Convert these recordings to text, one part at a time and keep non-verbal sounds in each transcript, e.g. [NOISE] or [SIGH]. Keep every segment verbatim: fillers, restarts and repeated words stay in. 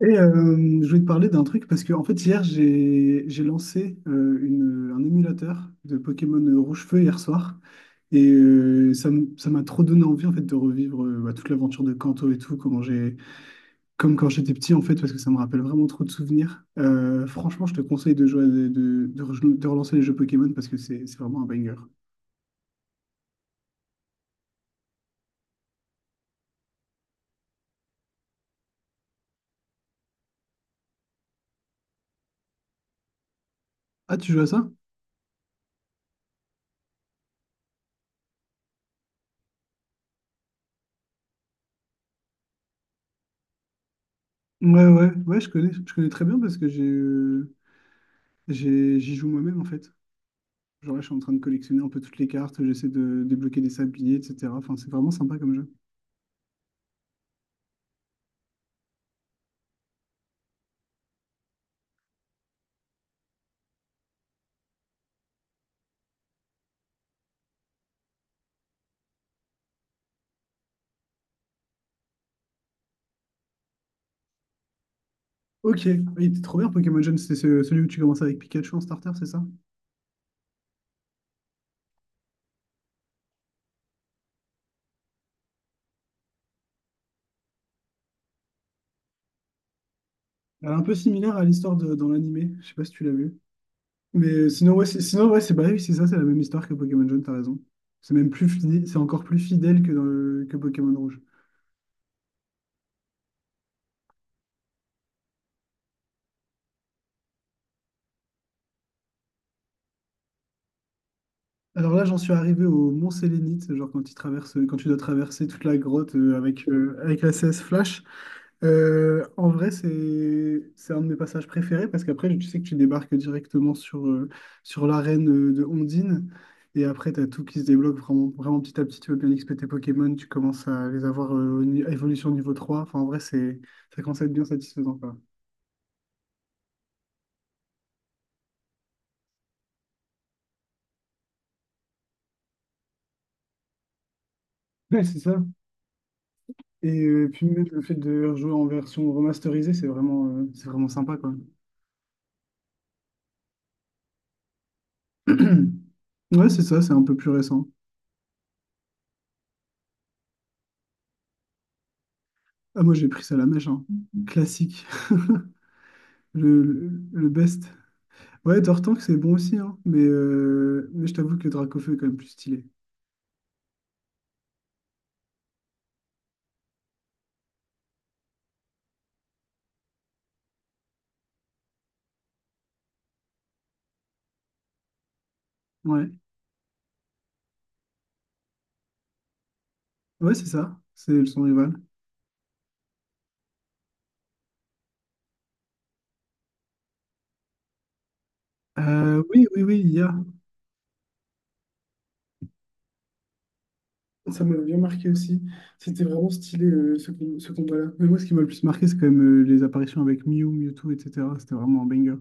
Et euh, je voulais te parler d'un truc parce que en fait hier j'ai j'ai lancé euh, une- un émulateur de Pokémon euh, Rouge-Feu hier soir. Et euh, ça m- ça m'a trop donné envie en fait de revivre euh, bah, toute l'aventure de Kanto et tout comment j'ai comme quand j'étais petit en fait parce que ça me rappelle vraiment trop de souvenirs. Euh, franchement je te conseille de jouer à des- de, de, re- de relancer les jeux Pokémon parce que c'est c'est vraiment un banger. Ah, tu joues à ça? Ouais, ouais, ouais, je connais je connais très bien parce que j'ai euh, j'ai- j'y joue moi-même en fait. Genre là, je suis en train de collectionner un peu toutes les cartes, j'essaie de débloquer des sabliers, et cetera. Enfin, c'est vraiment sympa comme jeu. Ok, il était trop bien Pokémon Jaune, c'est ce- celui où tu commences avec Pikachu en starter, c'est ça? Alors, un peu similaire à l'histoire de- dans l'animé, je sais pas si tu l'as vu. Mais sinon, ouais, c'est sinon, ouais, c'est bah oui, c'est ça, c'est la même histoire que Pokémon Jaune, t'as raison. C'est même plus fidèle, c'est encore plus fidèle que, dans le- que Pokémon Rouge. Alors là, j'en suis arrivé au Mont Sélénite, genre quand, il traverse, quand tu dois traverser toute la grotte, euh, avec, euh, avec la C S Flash. Euh, en vrai, c'est c'est un de mes passages préférés parce qu'après, tu sais que tu débarques directement sur, euh, sur l'arène euh, de Ondine et après, tu as tout qui se débloque vraiment, vraiment petit à petit. Tu veux bien X P tes Pokémon, tu commences à les avoir euh, au ni- à évolution niveau trois. Enfin, en vrai, c'est ça commence à être bien satisfaisant, quoi. Ouais, c'est ça. Et euh, puis, même le fait de rejouer en version remasterisée, c'est vraiment, euh, c'est vraiment sympa, quoi. [CLEARS THROAT] Ouais, c'est ça, c'est un peu plus récent. Ah, moi, j'ai pris ça à la mèche, hein. Classique, [LAUGHS] le, le le best. Ouais, Dortank, c'est bon aussi, hein. Mais, euh, mais je t'avoue que Dracofeu est quand même plus stylé. Ouais, ouais, c'est ça. C'est son rival. Euh, oui, oui, oui, il y a. Ça m'a bien marqué aussi. C'était vraiment stylé, euh, ce, com- ce combat-là. Mais moi, ce qui m'a le plus marqué, c'est quand même euh, les apparitions avec Mew, Mewtwo, et cetera. C'était vraiment un banger.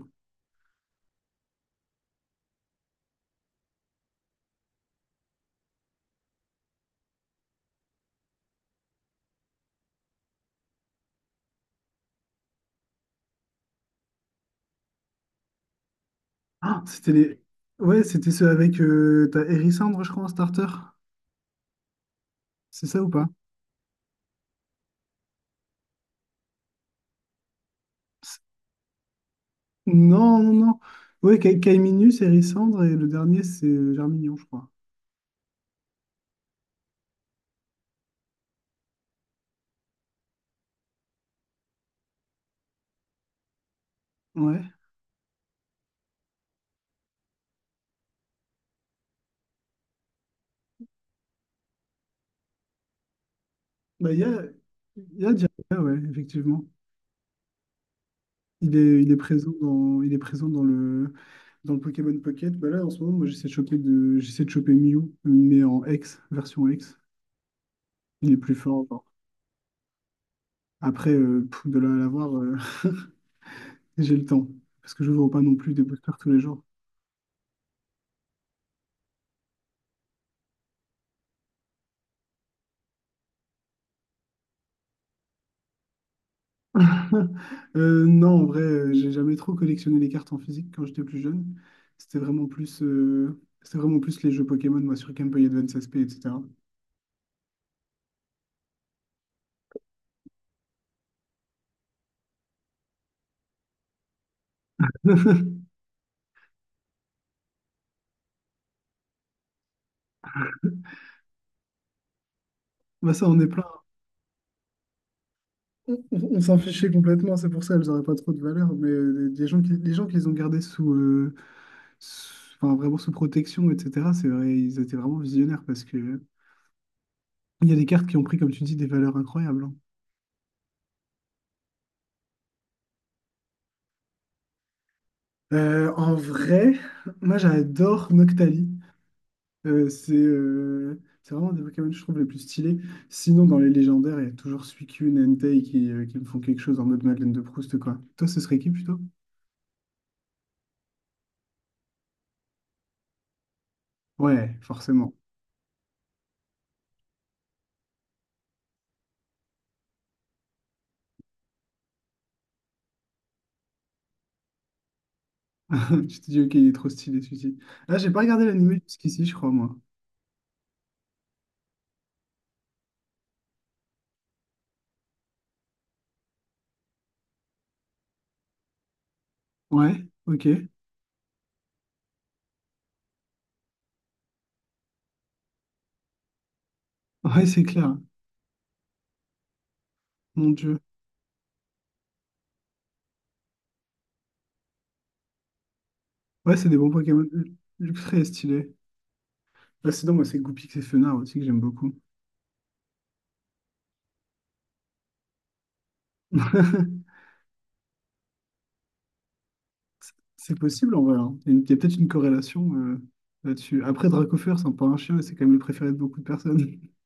Ah, c'était les. Ouais, c'était ceux avec. Euh, t'as Hérissandre, je crois, en starter. C'est ça ou pas? C'est- Non, non, non. Ouais, Ka- Kaiminus, Hérissandre, et le dernier, c'est euh, Germignon, je crois. Ouais. Bah, il y a, il y a Jiraiya, ouais, effectivement. Il est, il est présent dans, il est présent dans le, dans le Pokémon Pocket. Bah là, en ce moment, moi, j'essaie de choper de, j'essaie de choper Mew, mais en X, version X. Il est plus fort encore. Après, euh, pff, de là à l'avoir, euh, [LAUGHS] j'ai le temps. Parce que je n'ouvre pas non plus des boosters tous les jours. [LAUGHS] Euh, non, en vrai, euh, j'ai jamais trop collectionné les cartes en physique quand j'étais plus jeune. C'était vraiment plus, euh, c'était vraiment plus les jeux Pokémon, moi, sur Game Boy Advance S P, et cetera [LAUGHS] Bah ça, on est. On, on- on s'en fichait complètement, c'est pour ça elles n'auraient pas trop de valeur, mais euh, des gens qui, les gens qui les ont gardés sous, euh, sous- enfin, vraiment sous protection, et cetera, c'est vrai, ils étaient vraiment visionnaires parce que il y a des cartes qui ont pris, comme tu dis, des valeurs incroyables, hein. Euh, en vrai, moi j'adore Noctali. Euh, c'est euh, c'est vraiment un des Pokémon, je trouve, les plus stylés. Sinon, dans les légendaires, il y a toujours Suicune, Entei qui, euh, qui me font quelque chose en mode Madeleine de Proust, quoi. Toi, ce serait qui plutôt? Ouais, forcément. [LAUGHS] Tu te dis, ok, il est trop stylé celui-ci. Là, j'ai pas regardé l'animé jusqu'ici, je crois, moi. Ouais, ok. Ouais, c'est clair. Mon Dieu. Ouais, c'est des bons Pokémon. Luxe. Très stylé. Là, sinon, moi, c'est Goupix et Fenard aussi que j'aime beaucoup. [LAUGHS] C'est possible, en vrai, hein. Il y a une- il y a peut-être une corrélation, euh, là-dessus. Après, Dracofeu ressemble pas à un chien et c'est quand même le préféré de beaucoup de personnes. [LAUGHS]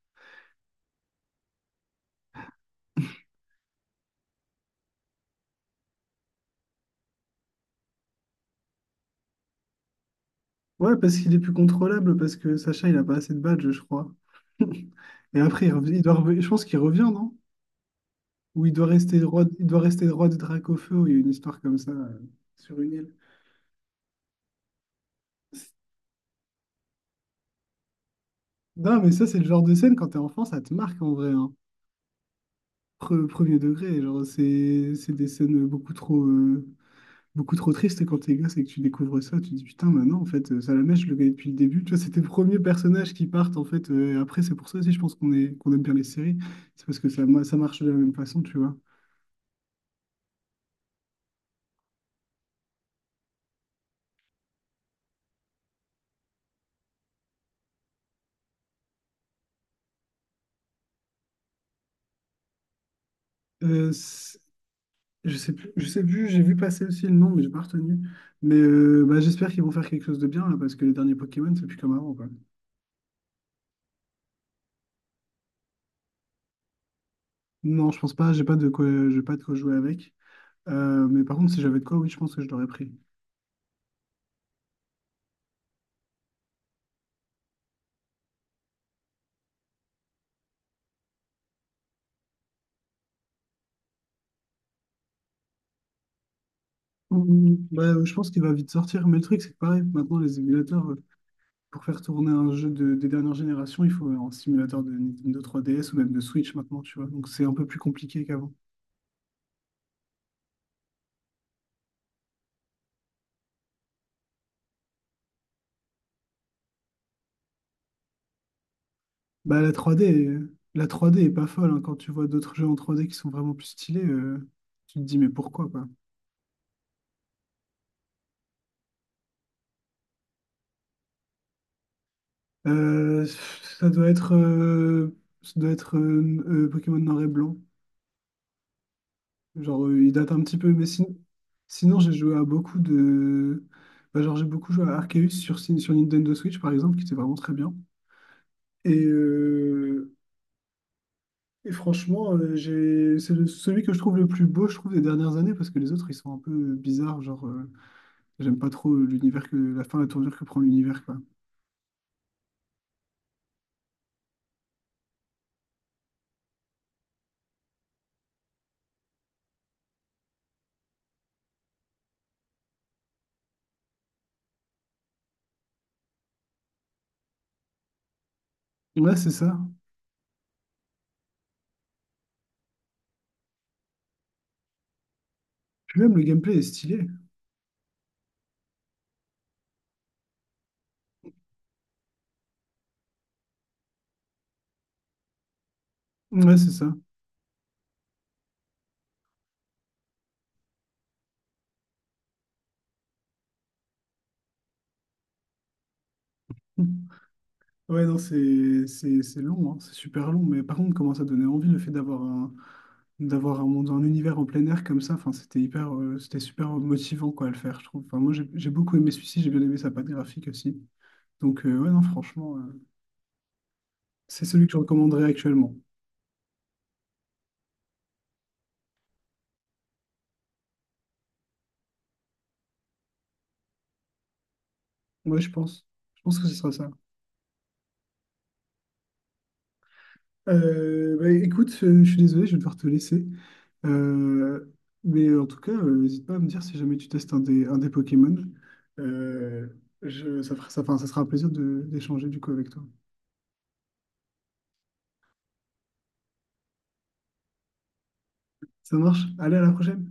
Ouais, parce qu'il est plus contrôlable, parce que Sacha, il a pas assez de badges, je crois. [LAUGHS] Et après, il, rev- il doit rev- je pense qu'il revient, non? Où il doit rester roi, il doit rester roi des Dracaufeu, où il y a une histoire comme ça, euh, sur une île. Non, mais ça, c'est le genre de scène, quand t'es enfant, ça te marque en vrai, hein. Pre- Premier degré, genre, c'est c'est des scènes beaucoup trop, euh, beaucoup trop tristes quand t'es gosse et que tu découvres ça. Tu te dis, putain, maintenant, en fait, euh, Salamèche, je le connais depuis le début. Tu vois, c'est tes premiers personnages qui partent, en fait. Euh, et après, c'est pour ça aussi, je pense qu'on est, qu'on aime bien les séries. C'est parce que ça, ma- ça marche de la même façon, tu vois. Euh, c- Je sais plus, je sais plus, j'ai vu passer aussi le nom, mais j'ai pas retenu. Mais euh, bah, j'espère qu'ils vont faire quelque chose de bien là, parce que les derniers Pokémon, c'est plus comme avant, quoi. Non, je pense pas, j'ai pas de quoi, j'ai pas de quoi jouer avec. Euh, mais par contre, si j'avais de quoi, oui, je pense que je l'aurais pris. Ou- Bah, je pense qu'il va vite sortir. Mais le truc, c'est que pareil, maintenant, les émulateurs, euh, pour faire tourner un jeu de- des dernières générations, il faut un simulateur de Nintendo trois D S ou même de Switch maintenant, tu vois. Donc c'est un peu plus compliqué qu'avant. Bah, la trois d est- la trois d est pas folle, hein. Quand tu vois d'autres jeux en trois d qui sont vraiment plus stylés, euh, tu te dis, mais pourquoi, quoi? Euh, ça doit être, euh, Ça doit être, euh, euh, Pokémon Noir et Blanc. Genre, euh, il date un petit peu, mais sin- sinon, j'ai joué à beaucoup de. Bah, genre, j'ai beaucoup joué à Arceus sur, sur Nintendo Switch, par exemple, qui était vraiment très bien. Et, euh, et franchement, euh, j'ai... c'est le- celui que je trouve le plus beau, je trouve, des dernières années, parce que les autres, ils sont un peu bizarres. Genre. euh, J'aime pas trop l'univers que la fin, la tournure que prend l'univers, quoi. Ouais, c'est ça. Puis même le gameplay est stylé. Ouais, c'est ça. [LAUGHS] Ouais, non, c'est c'est c'est long, hein, c'est super long, mais par contre, comment ça donnait envie le fait d'avoir un d'avoir un monde, un univers en plein air comme ça. Enfin, c'était hyper, euh, c'était super motivant quoi à le faire, je trouve. Enfin, moi, j'ai j'ai beaucoup aimé celui-ci, j'ai bien aimé sa patte graphique aussi. Donc euh, ouais, non, franchement, euh, c'est celui que je recommanderais actuellement. Ouais, je pense. Je pense que ce sera ça. Euh, bah, écoute, euh, je suis désolé, je vais devoir te laisser. Euh, mais en tout cas, euh, n'hésite pas à me dire si jamais tu testes un des, un des Pokémon. Euh, je- ça fera- ça, enfin, ça sera un plaisir de- d'échanger du coup avec toi. Ça marche? Allez, à la prochaine!